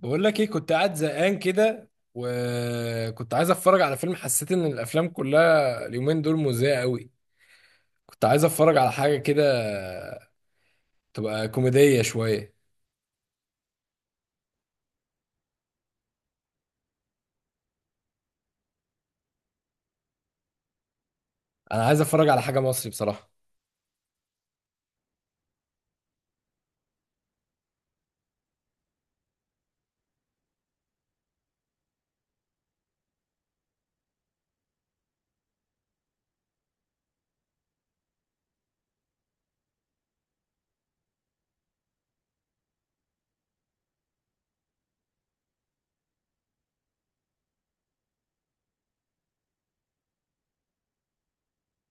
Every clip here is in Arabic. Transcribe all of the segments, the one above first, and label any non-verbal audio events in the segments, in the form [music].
بقول لك ايه، كنت قاعد زهقان كده وكنت عايز اتفرج على فيلم. حسيت ان الافلام كلها اليومين دول مزهقه قوي. كنت عايز اتفرج على حاجه كده تبقى كوميديه شويه. انا عايز اتفرج على حاجه مصري بصراحه.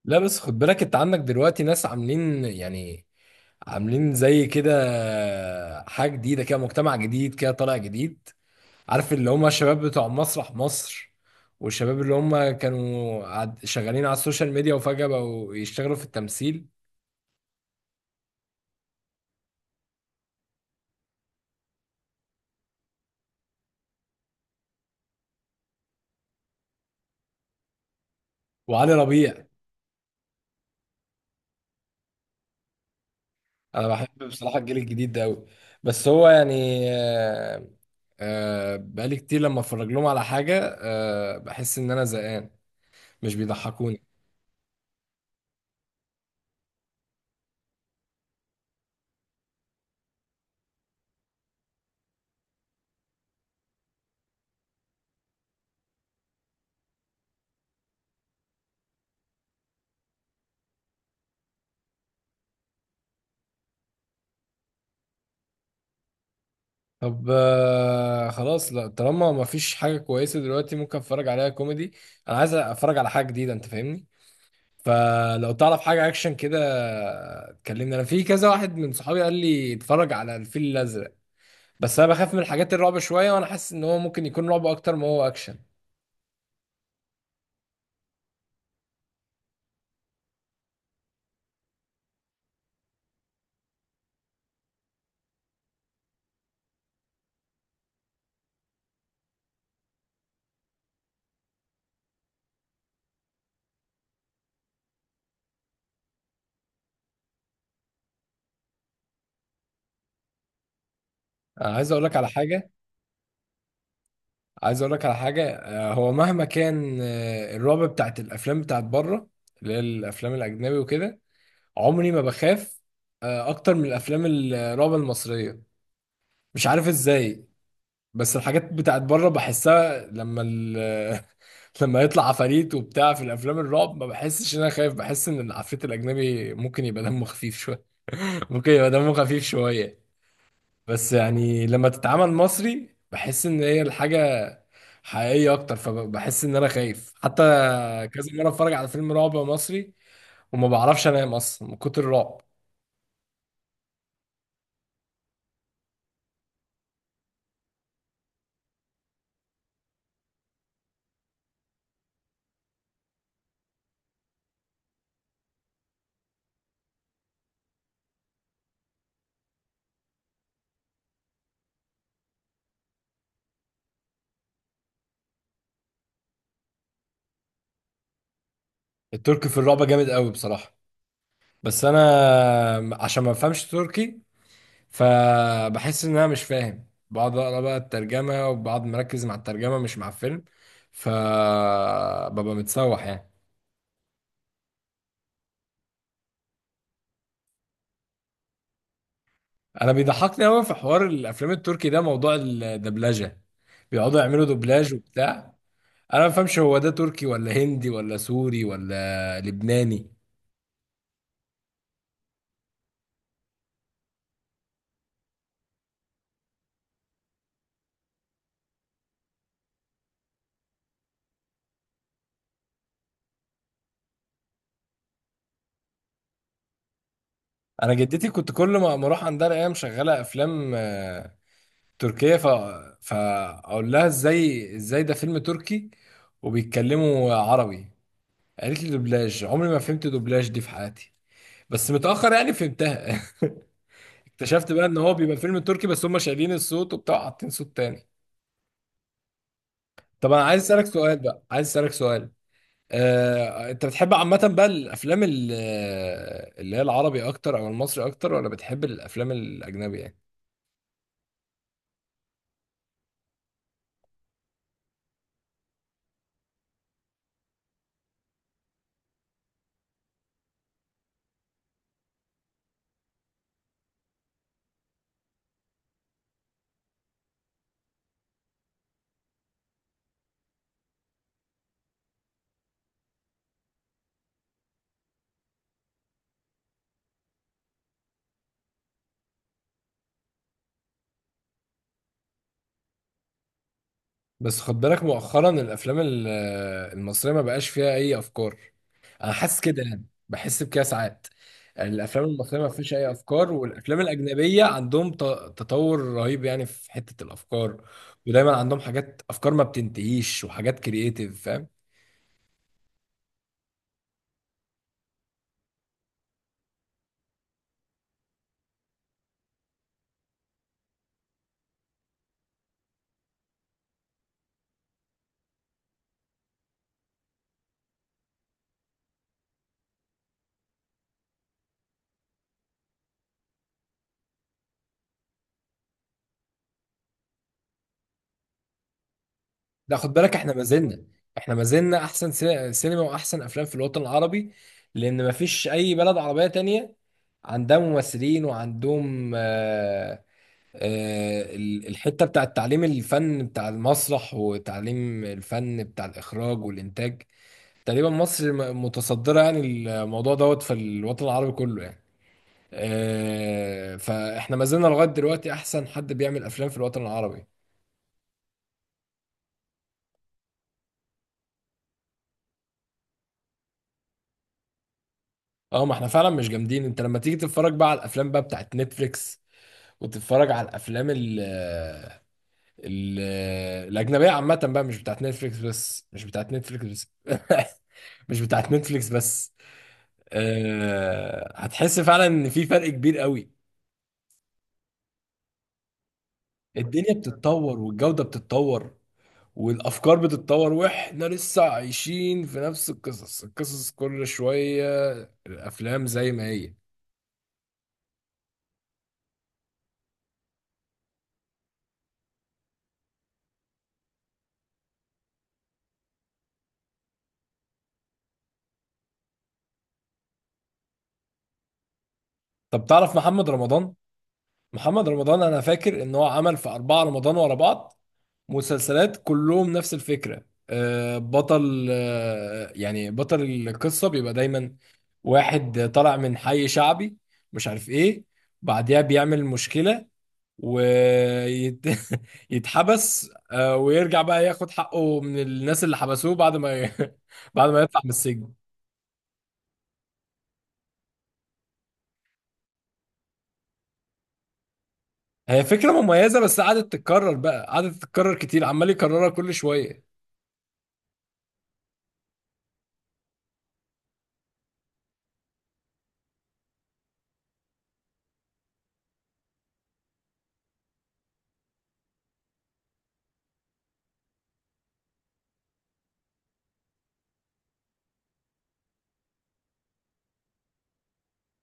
لا، بس خد بالك انت عندك دلوقتي ناس عاملين، يعني عاملين زي كده حاجه جديده كده، مجتمع جديد كده طالع جديد. عارف اللي هم الشباب بتوع مسرح مصر، والشباب اللي هم كانوا شغالين على السوشيال ميديا وفجأة بقوا يشتغلوا في التمثيل. وعلي ربيع. انا بحب بصراحه الجيل الجديد ده قوي. بس هو يعني، بقالي كتير لما اتفرج لهم على حاجه، بحس ان انا زهقان. مش بيضحكوني. طب خلاص، لا طالما ما فيش حاجه كويسه دلوقتي ممكن اتفرج عليها كوميدي. انا عايز اتفرج على حاجه جديده، انت فاهمني. فلو تعرف حاجه اكشن كده، كلمني. انا في كذا واحد من صحابي قال لي اتفرج على الفيل الازرق، بس انا بخاف من الحاجات الرعب شويه، وانا حاسس ان هو ممكن يكون رعب اكتر ما هو اكشن. آه، عايز اقول لك على حاجه عايز اقول لك على حاجه، هو مهما كان الرعب بتاعت الافلام بتاعت بره، اللي هي الافلام الاجنبي وكده، عمري ما بخاف اكتر من الافلام الرعب المصريه. مش عارف ازاي. بس الحاجات بتاعت بره بحسها لما [laughs] لما يطلع عفاريت وبتاع في الافلام الرعب ما بحسش ان انا خايف، بحس ان العفريت الاجنبي ممكن يبقى دمه خفيف شويه. [laughs] ممكن يبقى دمه خفيف شويه. بس يعني لما تتعامل مصري بحس ان هي الحاجه حقيقي اكتر، فبحس ان انا خايف حتى. كذا مره اتفرج على فيلم رعب مصري وما بعرفش انام اصلا من كتر الرعب. التركي في الرعب جامد قوي بصراحه. بس انا عشان ما بفهمش تركي، فبحس ان انا مش فاهم، بقعد اقرا بقى الترجمه وبقعد مركز مع الترجمه مش مع الفيلم. فببقى متسوح يعني. انا بيضحكني قوي في حوار الافلام التركي ده موضوع الدبلجه. بيقعدوا يعملوا دوبلاج وبتاع. انا ما بفهمش هو ده تركي ولا هندي ولا سوري ولا لبناني. انا جدتي كنت كل ما اروح عندها الاقيها مشغله افلام تركيه، فاقول لها ازاي ازاي ده فيلم تركي وبيتكلموا عربي. قالت لي دوبلاج، عمري ما فهمت دوبلاج دي في حياتي، بس متاخر يعني فهمتها. [laughs] اكتشفت بقى ان هو بيبقى فيلم تركي بس هم شايلين الصوت وبتاع حاطين صوت تاني. طب انا عايز اسالك سؤال بقى. عايز اسالك سؤال انت بتحب عامة بقى الافلام اللي هي العربي اكتر او المصري اكتر، ولا بتحب الافلام الاجنبي يعني؟ بس خد بالك مؤخرا الافلام المصرية ما بقاش فيها اي افكار. انا حاسس كده، يعني بحس بكده ساعات الافلام المصرية ما فيش اي افكار، والافلام الاجنبية عندهم تطور رهيب يعني في حتة الافكار. ودايما عندهم حاجات، افكار ما بتنتهيش وحاجات كرييتيف، فاهم. لا، خد بالك احنا ما زلنا احسن سينما واحسن افلام في الوطن العربي. لان ما فيش اي بلد عربية تانية عندها ممثلين وعندهم الحتة بتاع تعليم الفن بتاع المسرح، وتعليم الفن بتاع الاخراج والانتاج. تقريبا مصر متصدرة يعني الموضوع دوت في الوطن العربي كله يعني. فاحنا ما زلنا لغاية دلوقتي احسن حد بيعمل افلام في الوطن العربي. اه، ما احنا فعلا مش جامدين. انت لما تيجي تتفرج بقى على الافلام بقى بتاعت نتفليكس، وتتفرج على الافلام ال الاجنبيه عامه بقى، مش بتاعت نتفليكس بس [laughs] مش بتاعت نتفليكس بس. أه، هتحس فعلا ان في فرق كبير قوي. الدنيا بتتطور والجوده بتتطور والافكار بتتطور، واحنا لسه عايشين في نفس القصص كل شويه. الافلام زي ما هي. طب تعرف محمد رمضان؟ محمد رمضان انا فاكر ان هو عمل في 4 رمضان ورا بعض مسلسلات كلهم نفس الفكرة. آه، بطل آه، يعني بطل القصة بيبقى دايما واحد طالع من حي شعبي، مش عارف ايه، بعدها بيعمل مشكلة ويتحبس [laughs] ويرجع بقى ياخد حقه من الناس اللي حبسوه بعد ما ي- [laughs] بعد ما يطلع من السجن. هي فكرة مميزة، بس قعدت تتكرر كتير، عمال يكررها كل شوية.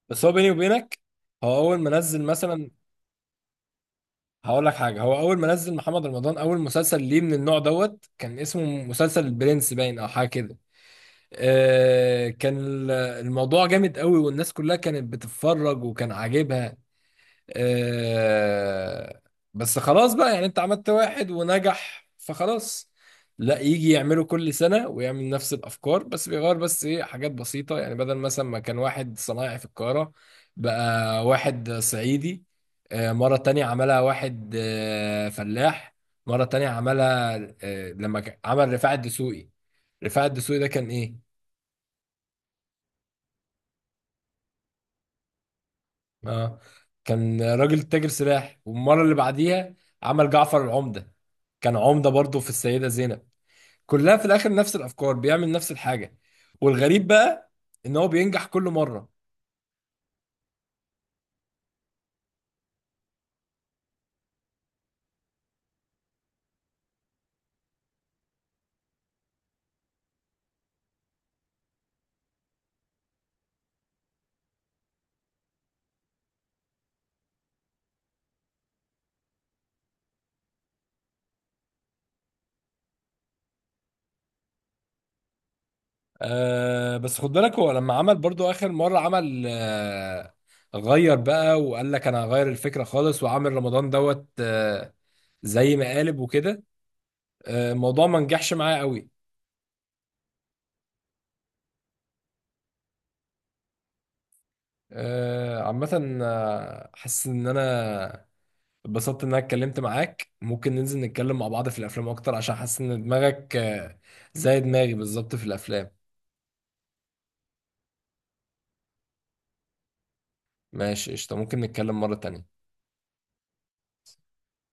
بس هو بيني وبينك، هو اول ما نزل مثلا هقول لك حاجه: هو اول ما نزل محمد رمضان، اول مسلسل ليه من النوع دوت، كان اسمه مسلسل البرنس باين او حاجه كده. كان الموضوع جامد قوي، والناس كلها كانت بتتفرج وكان عاجبها. آه بس خلاص بقى، يعني انت عملت واحد ونجح فخلاص. لا، يجي يعمله كل سنة ويعمل نفس الأفكار، بس بيغير بس ايه حاجات بسيطة، يعني بدل مثلا ما كان واحد صنايعي في القاهرة، بقى واحد صعيدي. مرة تانية عملها واحد فلاح. مرة تانية عملها لما عمل رفاعي الدسوقي. رفاعي الدسوقي ده كان ايه؟ اه، كان راجل تاجر سلاح، والمره اللي بعديها عمل جعفر العمده، كان عمده برضه في السيده زينب. كلها في الاخر نفس الافكار، بيعمل نفس الحاجه. والغريب بقى ان هو بينجح كل مره. بس خد بالك هو لما عمل برضه اخر مره عمل غير بقى، وقال لك انا هغير الفكره خالص، وعامل رمضان دوت زي مقالب وكده. الموضوع ما نجحش معايا قوي. عامه، حاسس ان انا اتبسطت ان انا اتكلمت معاك، ممكن ننزل نتكلم مع بعض في الافلام اكتر، عشان حاسس ان دماغك زي دماغي بالظبط في الافلام. ماشي، قشطة، ممكن نتكلم مرة تانية.